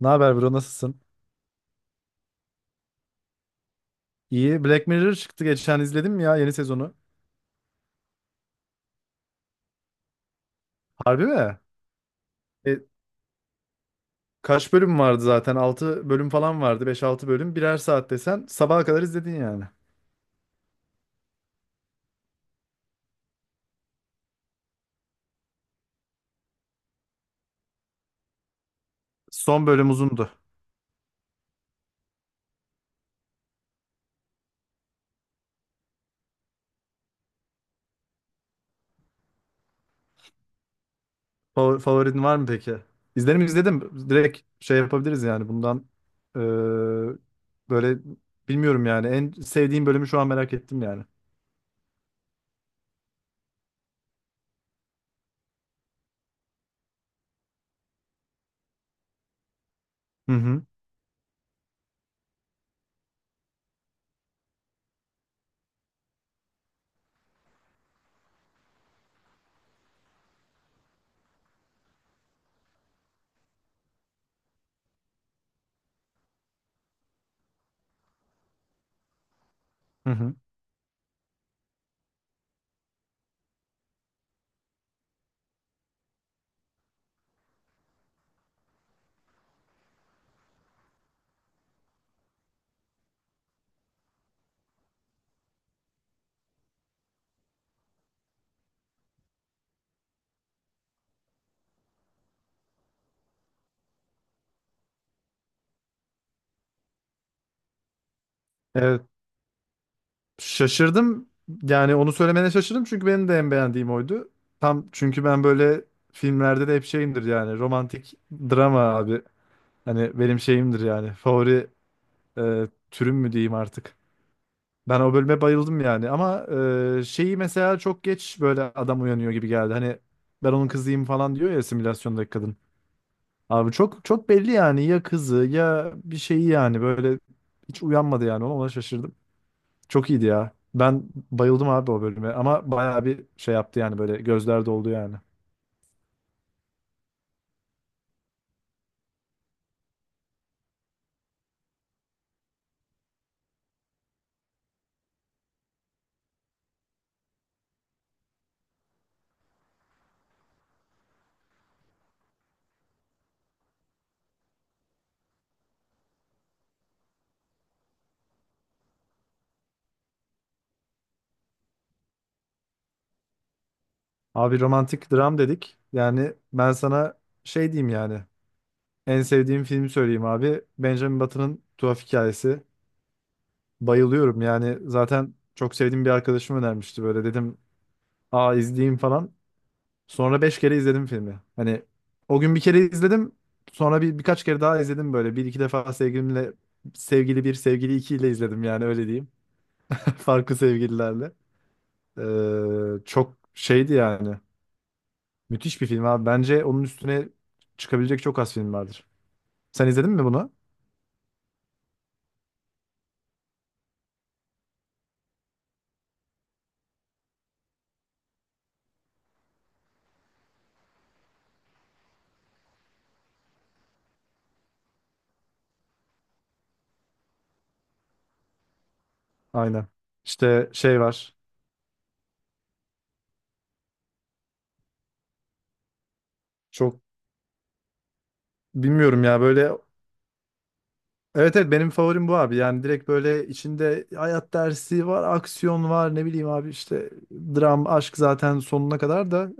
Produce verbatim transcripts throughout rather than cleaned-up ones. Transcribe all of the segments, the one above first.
Ne haber bro nasılsın? İyi. Black Mirror çıktı geçen izledim ya yeni sezonu. Harbi mi? E, Kaç bölüm vardı zaten? Altı bölüm falan vardı. Beş altı bölüm. Birer saat desen sabaha kadar izledin yani. Son bölüm uzundu. Favor- Favorin var mı peki? İzledim izledim. Direkt şey yapabiliriz yani bundan e, böyle bilmiyorum yani. En sevdiğim bölümü şu an merak ettim yani. Hı hı. Hı hı. Evet. Şaşırdım. Yani onu söylemene şaşırdım çünkü benim de en beğendiğim oydu. Tam çünkü ben böyle filmlerde de hep şeyimdir yani romantik drama abi. Hani benim şeyimdir yani favori e, türüm mü diyeyim artık. Ben o bölüme bayıldım yani ama e, şeyi mesela çok geç böyle adam uyanıyor gibi geldi. Hani ben onun kızıyım falan diyor ya simülasyondaki kadın. Abi çok çok belli yani ya kızı ya bir şeyi yani böyle hiç uyanmadı yani ona ona şaşırdım. Çok iyiydi ya. Ben bayıldım abi o bölüme ama bayağı bir şey yaptı yani böyle gözler doldu yani. Abi romantik dram dedik. Yani ben sana şey diyeyim yani. En sevdiğim filmi söyleyeyim abi. Benjamin Button'ın Tuhaf Hikayesi. Bayılıyorum yani zaten çok sevdiğim bir arkadaşım önermişti böyle dedim. Aa izleyeyim falan. Sonra beş kere izledim filmi. Hani o gün bir kere izledim. Sonra bir birkaç kere daha izledim böyle. Bir iki defa sevgilimle sevgili bir, sevgili iki ile izledim yani öyle diyeyim. Farklı sevgililerle. Ee, çok şeydi yani. Müthiş bir film abi. Bence onun üstüne çıkabilecek çok az film vardır. Sen izledin mi bunu? Aynen. İşte şey var. Çok bilmiyorum ya böyle. Evet evet benim favorim bu abi. Yani direkt böyle içinde hayat dersi var, aksiyon var, ne bileyim abi işte dram, aşk zaten sonuna kadar da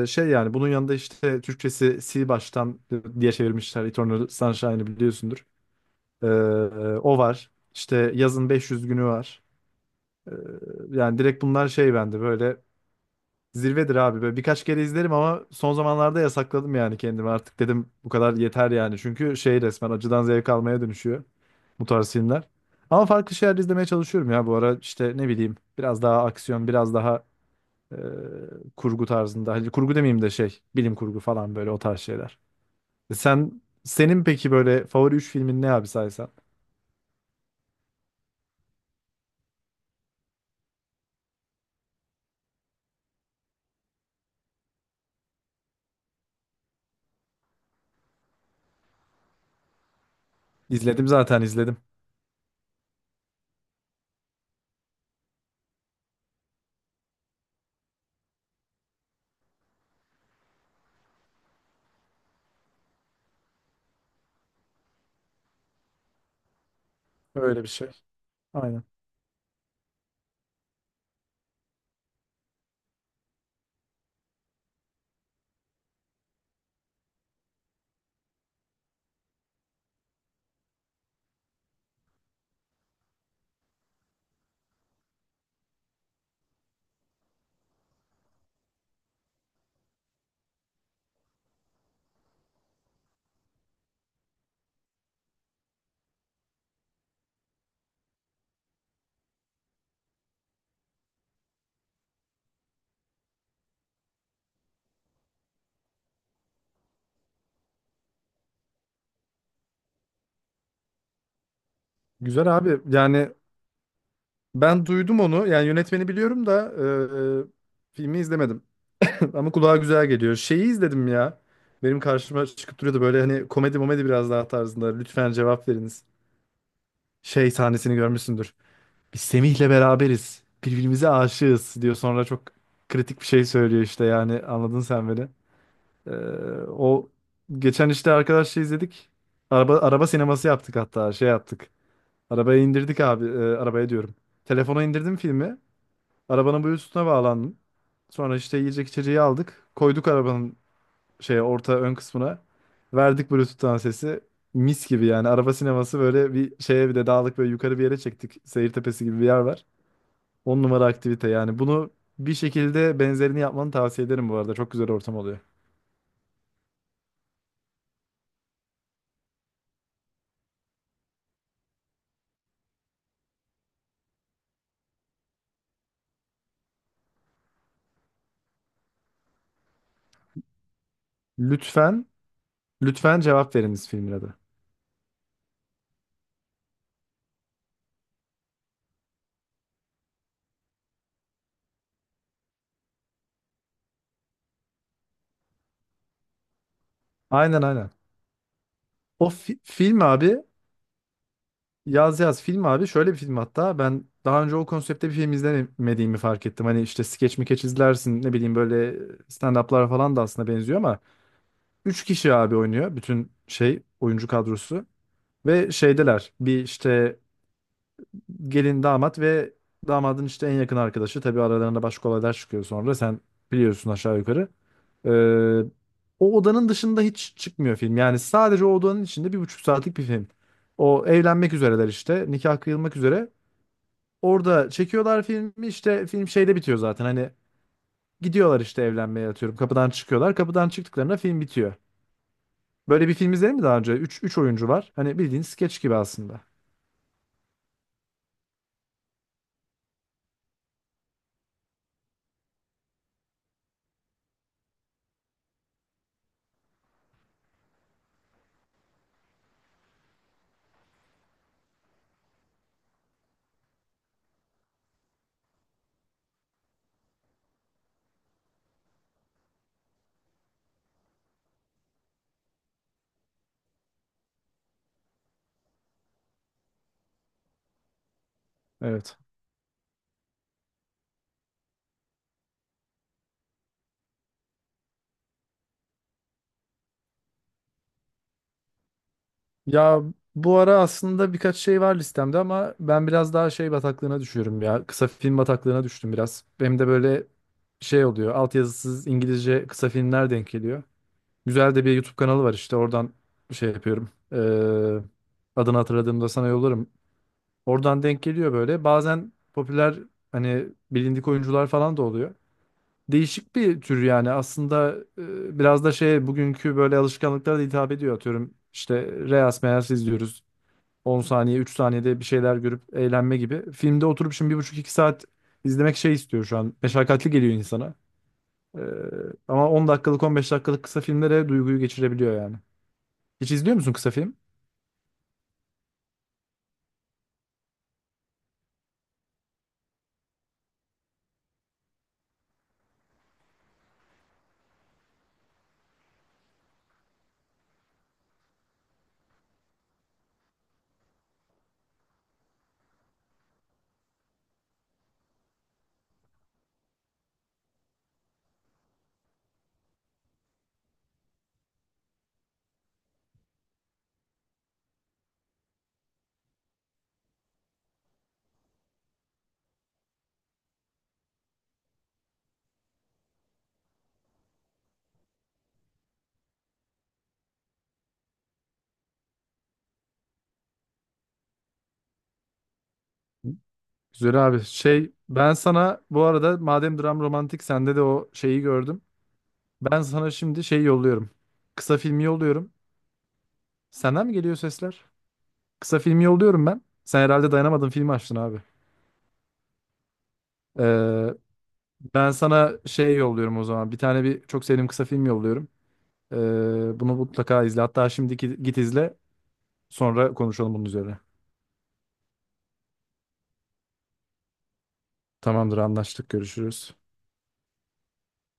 eee, şey yani bunun yanında işte Türkçesi Sil Baştan diye çevirmişler. Eternal Sunshine'ı biliyorsundur. Eee, O var. İşte yazın beş yüz günü var. Eee, Yani direkt bunlar şey bende böyle. Zirvedir abi. Böyle birkaç kere izlerim ama son zamanlarda yasakladım yani kendimi. Artık dedim bu kadar yeter yani. Çünkü şey resmen acıdan zevk almaya dönüşüyor bu tarz filmler. Ama farklı şeyler izlemeye çalışıyorum ya bu ara. İşte ne bileyim biraz daha aksiyon, biraz daha e, kurgu tarzında. Hani kurgu demeyeyim de şey bilim kurgu falan böyle o tarz şeyler. Sen senin peki böyle favori üç filmin ne abi saysan? İzledim zaten izledim. Öyle bir şey. Aynen. Güzel abi. Yani ben duydum onu. Yani yönetmeni biliyorum da e, e, filmi izlemedim. Ama kulağa güzel geliyor. Şeyi izledim ya. Benim karşıma çıkıp duruyordu böyle hani komedi momedi biraz daha tarzında. Lütfen cevap veriniz. Şey sahnesini görmüşsündür. Biz Semih'le beraberiz. Birbirimize aşığız diyor. Sonra çok kritik bir şey söylüyor işte yani anladın sen beni. Ee, O geçen işte arkadaşla izledik. Araba araba sineması yaptık hatta şey yaptık. Arabaya indirdik abi. Ee, arabaya diyorum. Telefona indirdim filmi. Arabanın Bluetooth'una bağlandım. Sonra işte yiyecek içeceği aldık. Koyduk arabanın şeye orta ön kısmına. Verdik Bluetooth'tan sesi. Mis gibi yani. Araba sineması böyle bir şeye bir de dağlık böyle yukarı bir yere çektik. Seyirtepesi gibi bir yer var. On numara aktivite yani. Bunu bir şekilde benzerini yapmanı tavsiye ederim bu arada. Çok güzel ortam oluyor. Lütfen, lütfen cevap veriniz filmin adı. Aynen aynen. O fi- film abi, Yaz Yaz film abi şöyle bir film hatta. Ben daha önce o konseptte bir film izlemediğimi fark ettim. Hani işte skeç mikeç izlersin ne bileyim böyle stand-up'lar falan da aslında benziyor ama üç kişi abi oynuyor bütün şey oyuncu kadrosu. Ve şeydeler bir işte gelin damat ve damadın işte en yakın arkadaşı. Tabii aralarında başka olaylar çıkıyor sonra. Sen biliyorsun aşağı yukarı. Ee, O odanın dışında hiç çıkmıyor film. Yani sadece o odanın içinde bir buçuk saatlik bir film. O evlenmek üzereler işte. Nikah kıyılmak üzere. Orada çekiyorlar filmi işte film şeyde bitiyor zaten. Hani gidiyorlar işte evlenmeye atıyorum. Kapıdan çıkıyorlar. Kapıdan çıktıklarında film bitiyor. Böyle bir film izledin mi daha önce? üç üç oyuncu var. Hani bildiğin skeç gibi aslında. Evet. Ya bu ara aslında birkaç şey var listemde ama ben biraz daha şey bataklığına düşüyorum ya. Kısa film bataklığına düştüm biraz. Benim de böyle şey oluyor. Altyazısız İngilizce kısa filmler denk geliyor. Güzel de bir YouTube kanalı var işte oradan şey yapıyorum. Ee, adını hatırladığımda sana yollarım. Oradan denk geliyor böyle. Bazen popüler hani bilindik oyuncular falan da oluyor. Değişik bir tür yani aslında e, biraz da şey bugünkü böyle alışkanlıklara da hitap ediyor atıyorum. İşte Reels Meels izliyoruz. On saniye, üç saniyede bir şeyler görüp eğlenme gibi. Filmde oturup şimdi bir buçuk iki saat izlemek şey istiyor şu an. Meşakkatli geliyor insana. Ee, Ama on dakikalık, on beş dakikalık kısa filmlere duyguyu geçirebiliyor yani. Hiç izliyor musun kısa film? Güzel abi. Şey ben sana bu arada madem dram romantik sende de o şeyi gördüm. Ben sana şimdi şey yolluyorum. Kısa filmi yolluyorum. Senden mi geliyor sesler? Kısa filmi yolluyorum ben. Sen herhalde dayanamadın filmi açtın abi. Ee, Ben sana şey yolluyorum o zaman. Bir tane bir çok sevdiğim kısa film yolluyorum. Ee, bunu mutlaka izle. Hatta şimdi git git izle. Sonra konuşalım bunun üzerine. Tamamdır, anlaştık. Görüşürüz.